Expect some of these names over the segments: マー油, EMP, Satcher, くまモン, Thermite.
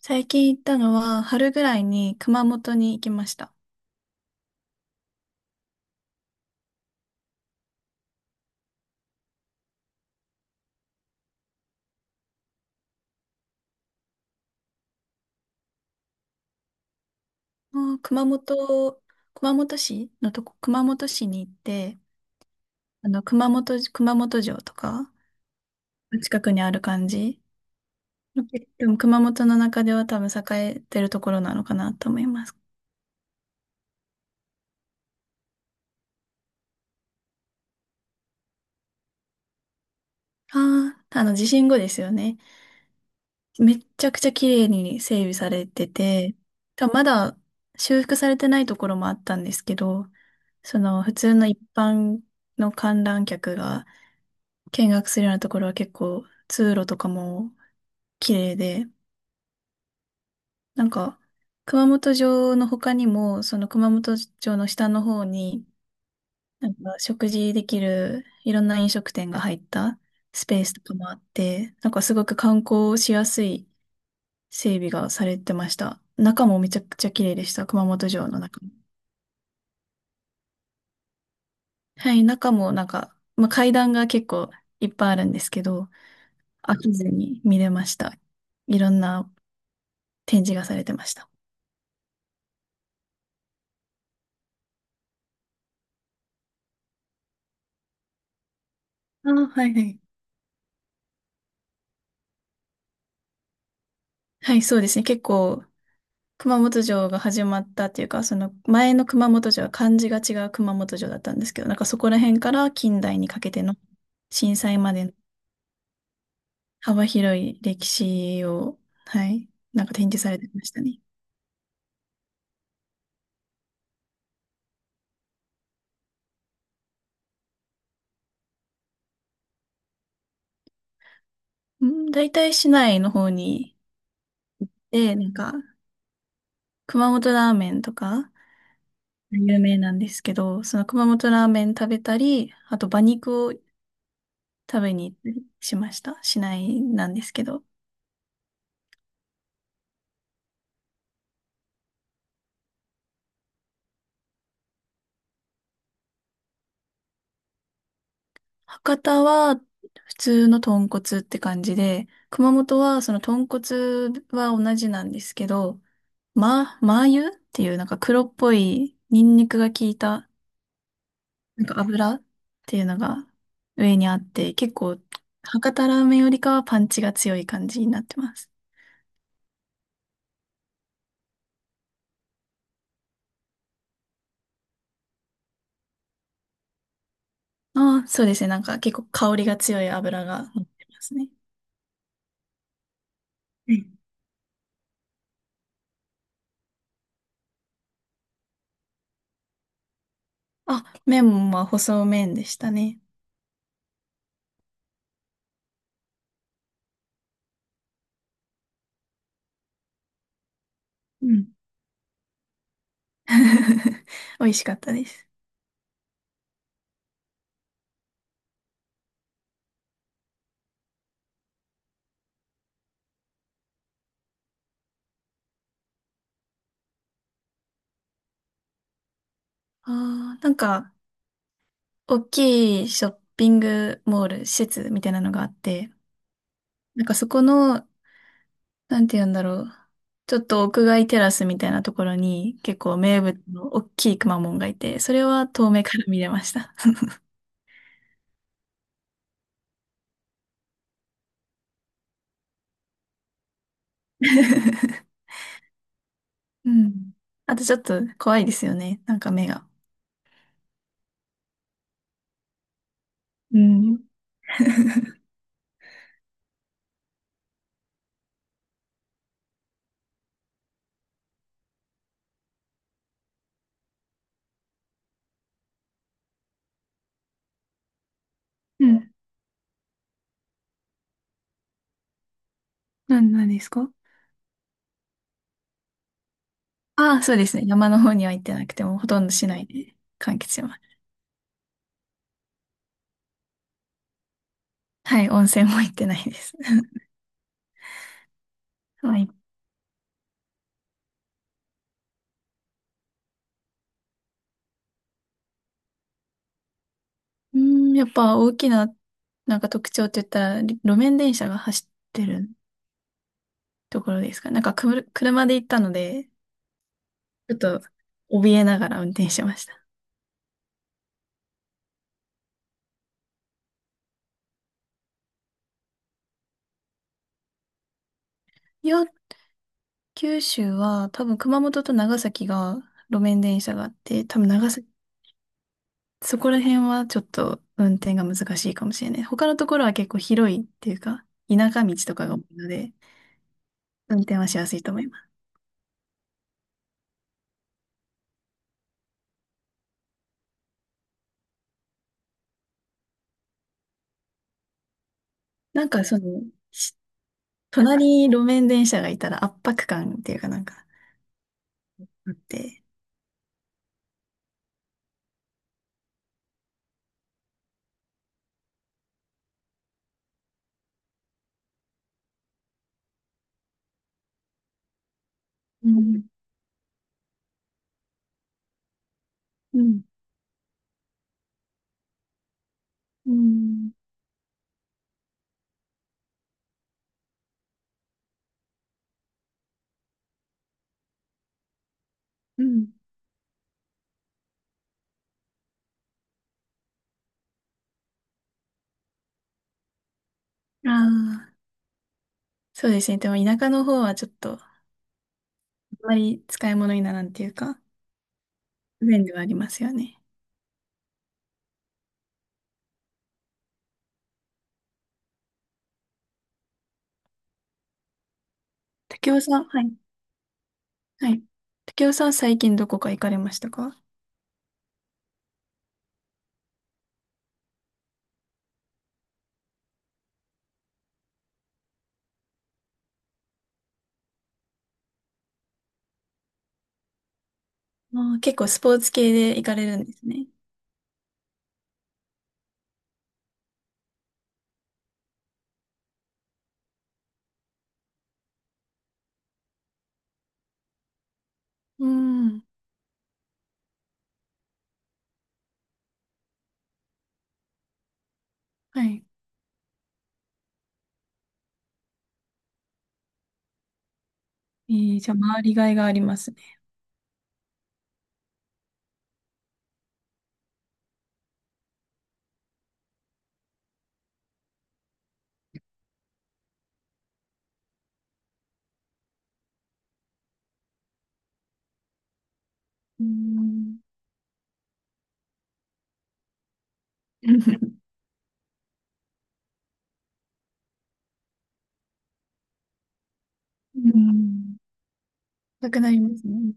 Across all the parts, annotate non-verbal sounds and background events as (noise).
最近行ったのは、春ぐらいに熊本に行きました。あー熊本、熊本市のとこ、熊本市に行って、あの、熊本、熊本城とか、近くにある感じ。でも熊本の中では多分栄えてるところなのかなと思います。ああ、あの、地震後ですよね。めっちゃくちゃ綺麗に整備されてて、多分まだ修復されてないところもあったんですけど、その普通の一般の観覧客が見学するようなところは結構通路とかも綺麗で、なんか熊本城の他にも、その熊本城の下の方に、なんか食事できるいろんな飲食店が入ったスペースとかもあって、なんかすごく観光しやすい整備がされてました。中もめちゃくちゃ綺麗でした、熊本城の中も。はい、中もなんか、まあ、階段が結構いっぱいあるんですけど、飽きずに見れました。いろんな展示がされてました。ああ、はいはい。はい、そうですね。結構、熊本城が始まったっていうか、その前の熊本城は漢字が違う熊本城だったんですけど、なんかそこら辺から近代にかけての震災までの幅広い歴史を、はい、なんか展示されてましたね。うん、大体市内の方に、で、なんか、熊本ラーメンとか有名なんですけど、その熊本ラーメン食べたり、あと馬肉を食べに行ったりしました。市内なんですけど。博多は普通の豚骨って感じで、熊本はその豚骨は同じなんですけど、ま、マー油っていうなんか黒っぽいニンニクが効いたなんか油っていうのが上にあって、結構博多ラーメンよりかはパンチが強い感じになってます。ああ、そうですね。なんか結構香りが強い油が乗ってますね。うん、あ、麺もまあ細麺でしたね。うん。 (laughs) 美味しかったです。ああ、なんか、大きいショッピングモール、施設みたいなのがあって、なんかそこの、なんて言うんだろう。ちょっと屋外テラスみたいなところに結構名物の大きいくまモンがいて、それは遠目から見れました。(laughs) うん。あとちょっと怖いですよね。なんか目が。うん。うん。なんですか？ああ、そうですね。山の方には行ってなくても、ほとんど市内で完結します。はい、温泉も行ってないです。(laughs) まあいうーん、やっぱ大きな、なんか特徴って言ったら、路面電車が走ってるところですか。なんかくる、車で行ったので、ちょっと怯えながら運転してました。いや、九州は多分熊本と長崎が路面電車があって、多分長崎、そこら辺はちょっと運転が難しいかもしれない。他のところは結構広いっていうか、田舎道とかが多いので、運転はしやすいと思います。なんかその、し隣に路面電車がいたら圧迫感っていうかなんかあって、うん、うん、うん、うん。ああ、そうですね。でも田舎の方はちょっと、あんまり使い物にならんっていうか、不便ではありますよね。竹雄さん、はい、はい。竹雄さん、最近どこか行かれましたか？ああ、結構スポーツ系で行かれるんですね。うん、はい。えー、じゃあ、回りがいがありますね。うん。(laughs) うん。うん。なくなりますね。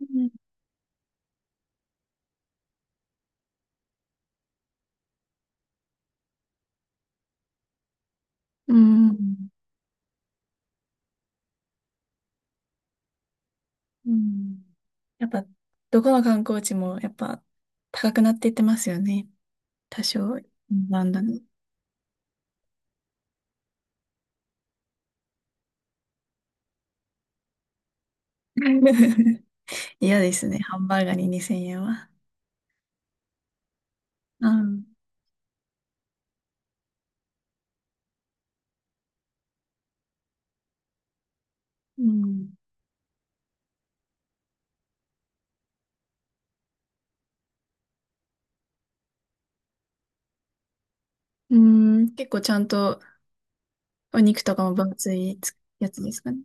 うん。うん。うん。やっぱ、どこの観光地もやっぱ高くなっていってますよね。多少、なんだの。(laughs) 嫌ですね。ハンバーガーに2000円は。うん。うん。うん。結構ちゃんとお肉とかも分厚いやつですかね。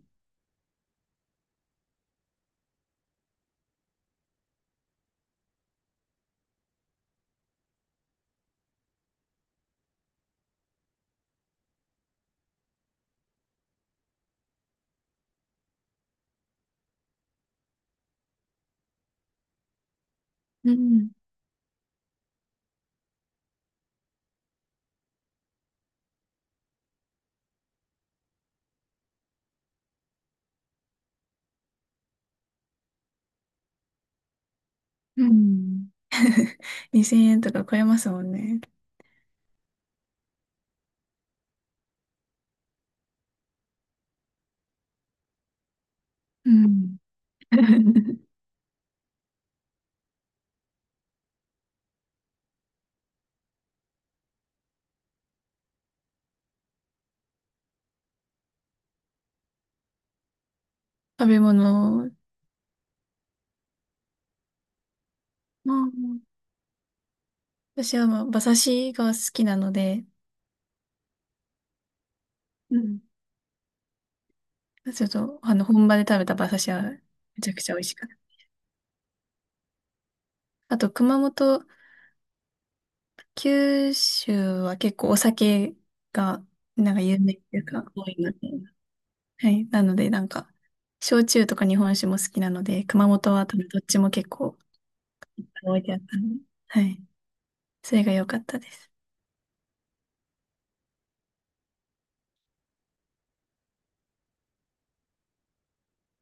うん。うん。(laughs) 2000円とか超えますもんね。うん。(laughs) 食べ物、まあ、私はまあ馬刺しが好きなので、うん、ちょっと、あの、本場で食べた馬刺しはめちゃくちゃ美味しかった。あと、熊本、九州は結構お酒が、なんか有名っていうか、多いなって。はい。なので、なんか、焼酎とか日本酒も好きなので、熊本は多分どっちも結構置いてあったので、はい。それが良かったです。